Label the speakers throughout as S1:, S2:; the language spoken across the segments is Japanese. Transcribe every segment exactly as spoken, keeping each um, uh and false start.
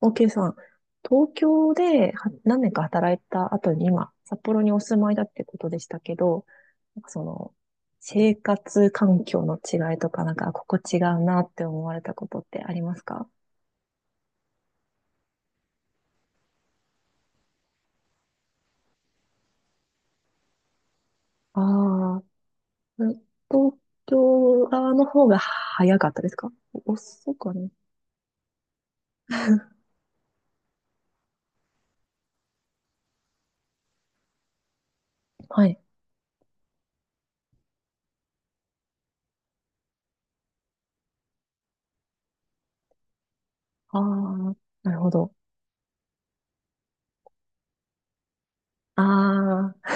S1: OK さん、東京では何年か働いた後に今、札幌にお住まいだってことでしたけど、なんかその、生活環境の違いとか、なんか、ここ違うなって思われたことってありますか？ああー、東京側の方が早かったですか？遅くはね。はい。ああ、なるほど。ああ、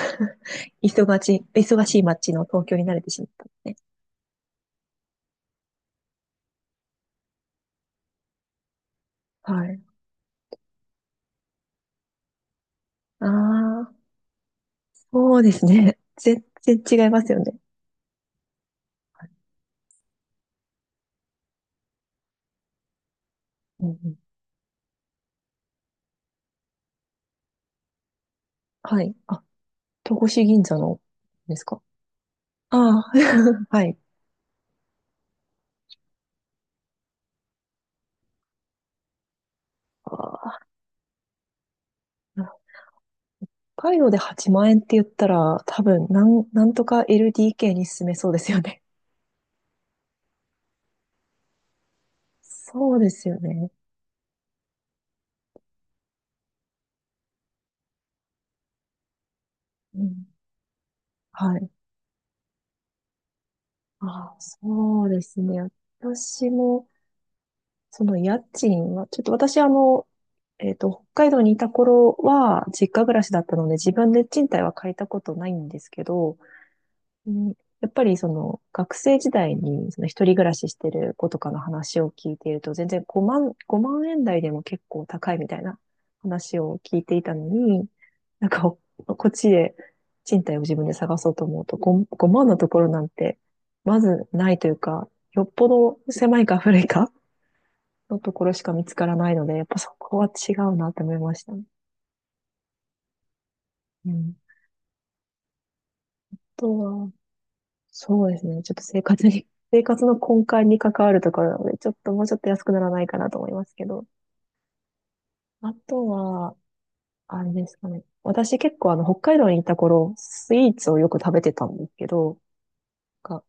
S1: 忙しい、忙しい街の東京に慣れてしまったんですね。はい。ああ、そうですね。全然違いますよね。はい。うん、うん。はい。あ、戸越銀座のですか？ああ、はい。あー、北海道ではちまん円って言ったら、多分、なん、なんとか エルディーケー に進めそうですよね。そうですよね。うん。はい。ああ、そうですね。私も、その家賃は、ちょっと私、あの、えっと、北海道にいた頃は、実家暮らしだったので、自分で賃貸は借りたことないんですけど、うん。やっぱりその学生時代にその一人暮らししてる子とかの話を聞いていると全然ごまん、ごまん円台でも結構高いみたいな話を聞いていたのに、なんかここっちで賃貸を自分で探そうと思うと ご, 万のところなんてまずないというか、よっぽど狭いか古いかのところしか見つからないので、やっぱそこは違うなって思いましたね。うん。あとは、そうですね。ちょっと生活に、生活の根幹に関わるところなので、ちょっともうちょっと安くならないかなと思いますけど。あとは、あれですかね。私結構あの、北海道にいた頃、スイーツをよく食べてたんですけど、が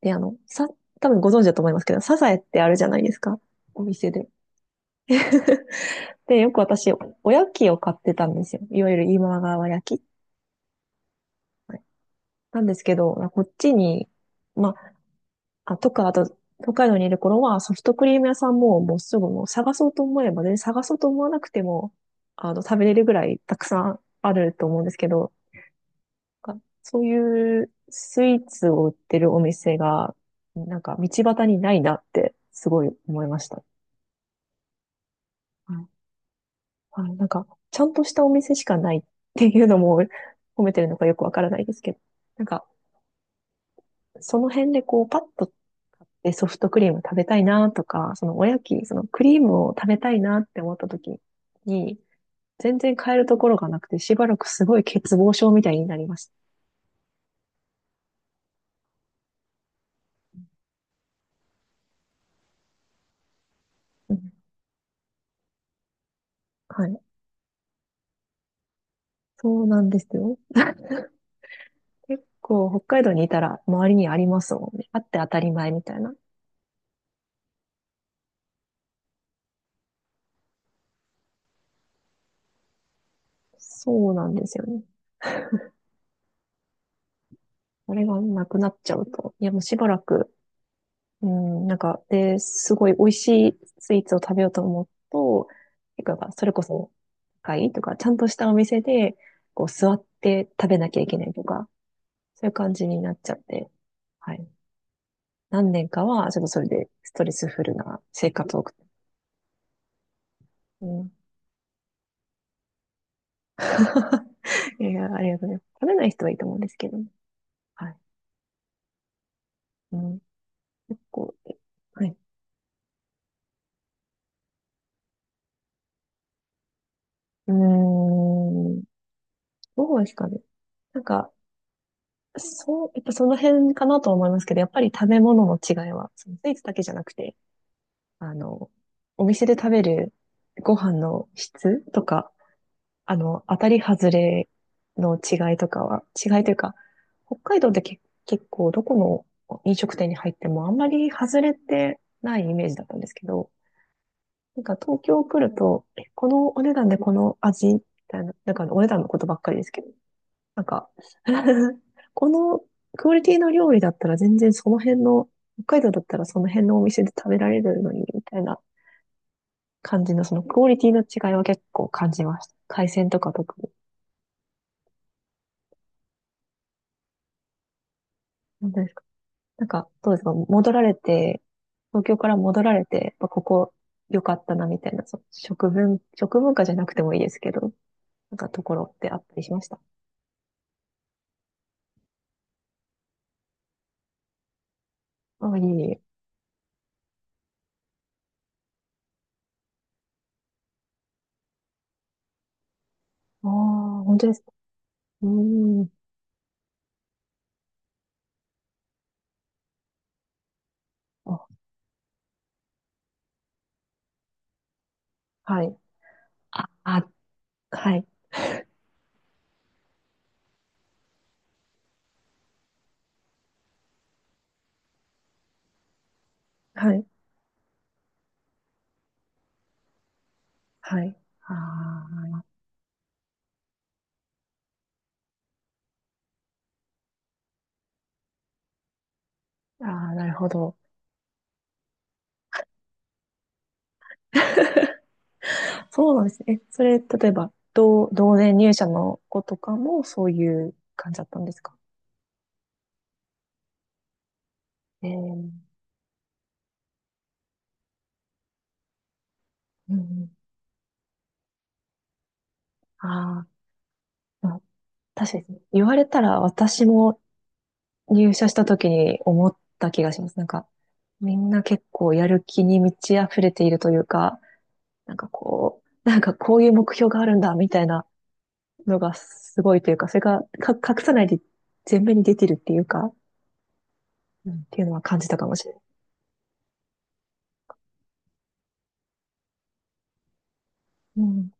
S1: で、あの、さ、多分ご存知だと思いますけど、サザエってあるじゃないですか。お店で。で、よく私、おやきを買ってたんですよ。いわゆる今川焼き。はい。なんですけど、こっちに、まあ、あ、とか、あと、北海道にいる頃はソフトクリーム屋さんももうすぐもう探そうと思えば、全然探そうと思わなくても、あの、食べれるぐらいたくさんあると思うんですけど、なんかそういうスイーツを売ってるお店が、なんか道端にないなってすごい思いました。はい。はい。なんか、ちゃんとしたお店しかないっていうのも 褒めてるのかよくわからないですけど、なんか、その辺でこう、パッとで、ソフトクリーム食べたいなとか、そのおやき、そのクリームを食べたいなって思った時に、全然買えるところがなくて、しばらくすごい欠乏症みたいになりました。うん。はい。そうなんですよ。結構北海道にいたら周りにありますもんね。あって当たり前みたいな。そうなんですよね。あれがなくなっちゃうと、いやもうしばらくうん、なんか、で、すごい美味しいスイーツを食べようと思うと、結構やっぱそれこそ、高いとか、ちゃんとしたお店で、こう、座って食べなきゃいけないとか、そういう感じになっちゃって、はい。何年かは、ちょっとそれでストレスフルな生活を送って、うん。いや、ありがとうございます。食べない人はいいと思うんですけどね、はい。うん、結構、はい。うーん、どうですかね。なんか、そう、やっぱその辺かなと思いますけど、やっぱり食べ物の違いは、そのスイーツだけじゃなくて、あの、お店で食べるご飯の質とか、あの、当たり外れの違いとかは、違いというか、北海道ってけ結構どこの飲食店に入ってもあんまり外れてないイメージだったんですけど、なんか東京来ると、え、このお値段でこの味みたいな、なんかお値段のことばっかりですけど、なんか このクオリティの料理だったら全然その辺の、北海道だったらその辺のお店で食べられるのに、みたいな感じの、そのクオリティの違いは結構感じました。海鮮とか特に。本当ですか？なんか、どうですか、戻られて、東京から戻られて、やっぱここ良かったな、みたいな、その食文、食文化じゃなくてもいいですけど、なんかところってあったりしました？あ、いえいえ。ああ、本当ですか？うーん。あ、はい。あ、あ、はい。はい。はい。あー、あー、なるほど。そうなんですね。えそれ、例えば、同、同年入社の子とかもそういう感じだったんですか？えー、うん。ああ、うん。確かに言われたら私も入社した時に思った気がします。なんか、みんな結構やる気に満ち溢れているというか、なんかこう、なんかこういう目標があるんだ、みたいなのがすごいというか、それがか隠さないで前面に出てるっていうか、うんっていうのは感じたかもしれない。うん、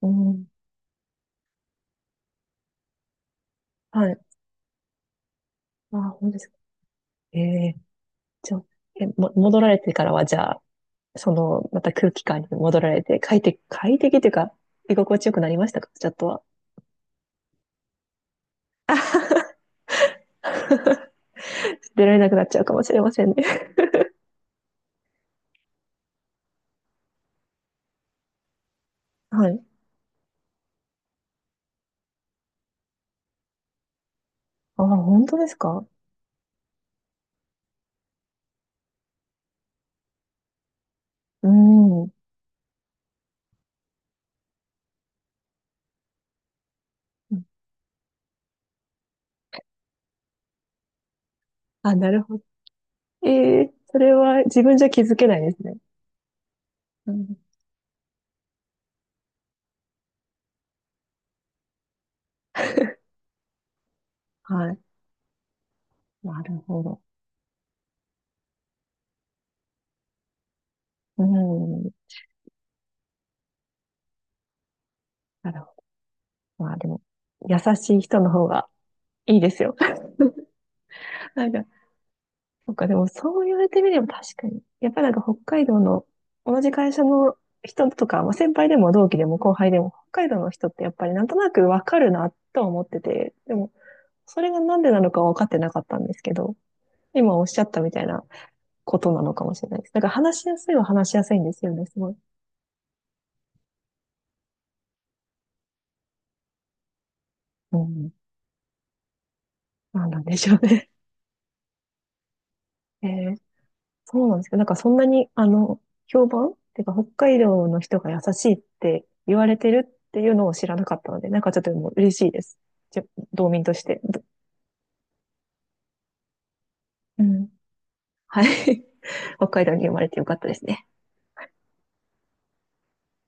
S1: うん、はい。あ、ほんですか？ええ。じゃあ、え、も、戻られてからは、じゃあ、その、また空気感に戻られて、快適、快適というか、居心地よくなりましたか、ちょっとは。出られなくなっちゃうかもしれませんね。はい。ああ、本当ですか？うん。あ、なるほど。ええ。それは自分じゃ気づけないですね。うん。はい。なるほど。うん。なるほど。まあでも、優しい人の方がいいですよ。なんか、そうか、でもそう言われてみれば確かに。やっぱなんか北海道の同じ会社の人とか、まあ、先輩でも同期でも後輩でも北海道の人ってやっぱりなんとなくわかるなとは思ってて、でもそれがなんでなのかは分かってなかったんですけど、今おっしゃったみたいなことなのかもしれないです。なんか話しやすいは話しやすいんですよね、すごい。うん。なんなんでしょうね。えーそうなんですけど、なんかそんなに、あの、評判っていうか、北海道の人が優しいって言われてるっていうのを知らなかったので、なんかちょっともう嬉しいです。じゃ、道民として。どうん。はい。北海道に生まれてよかったですね。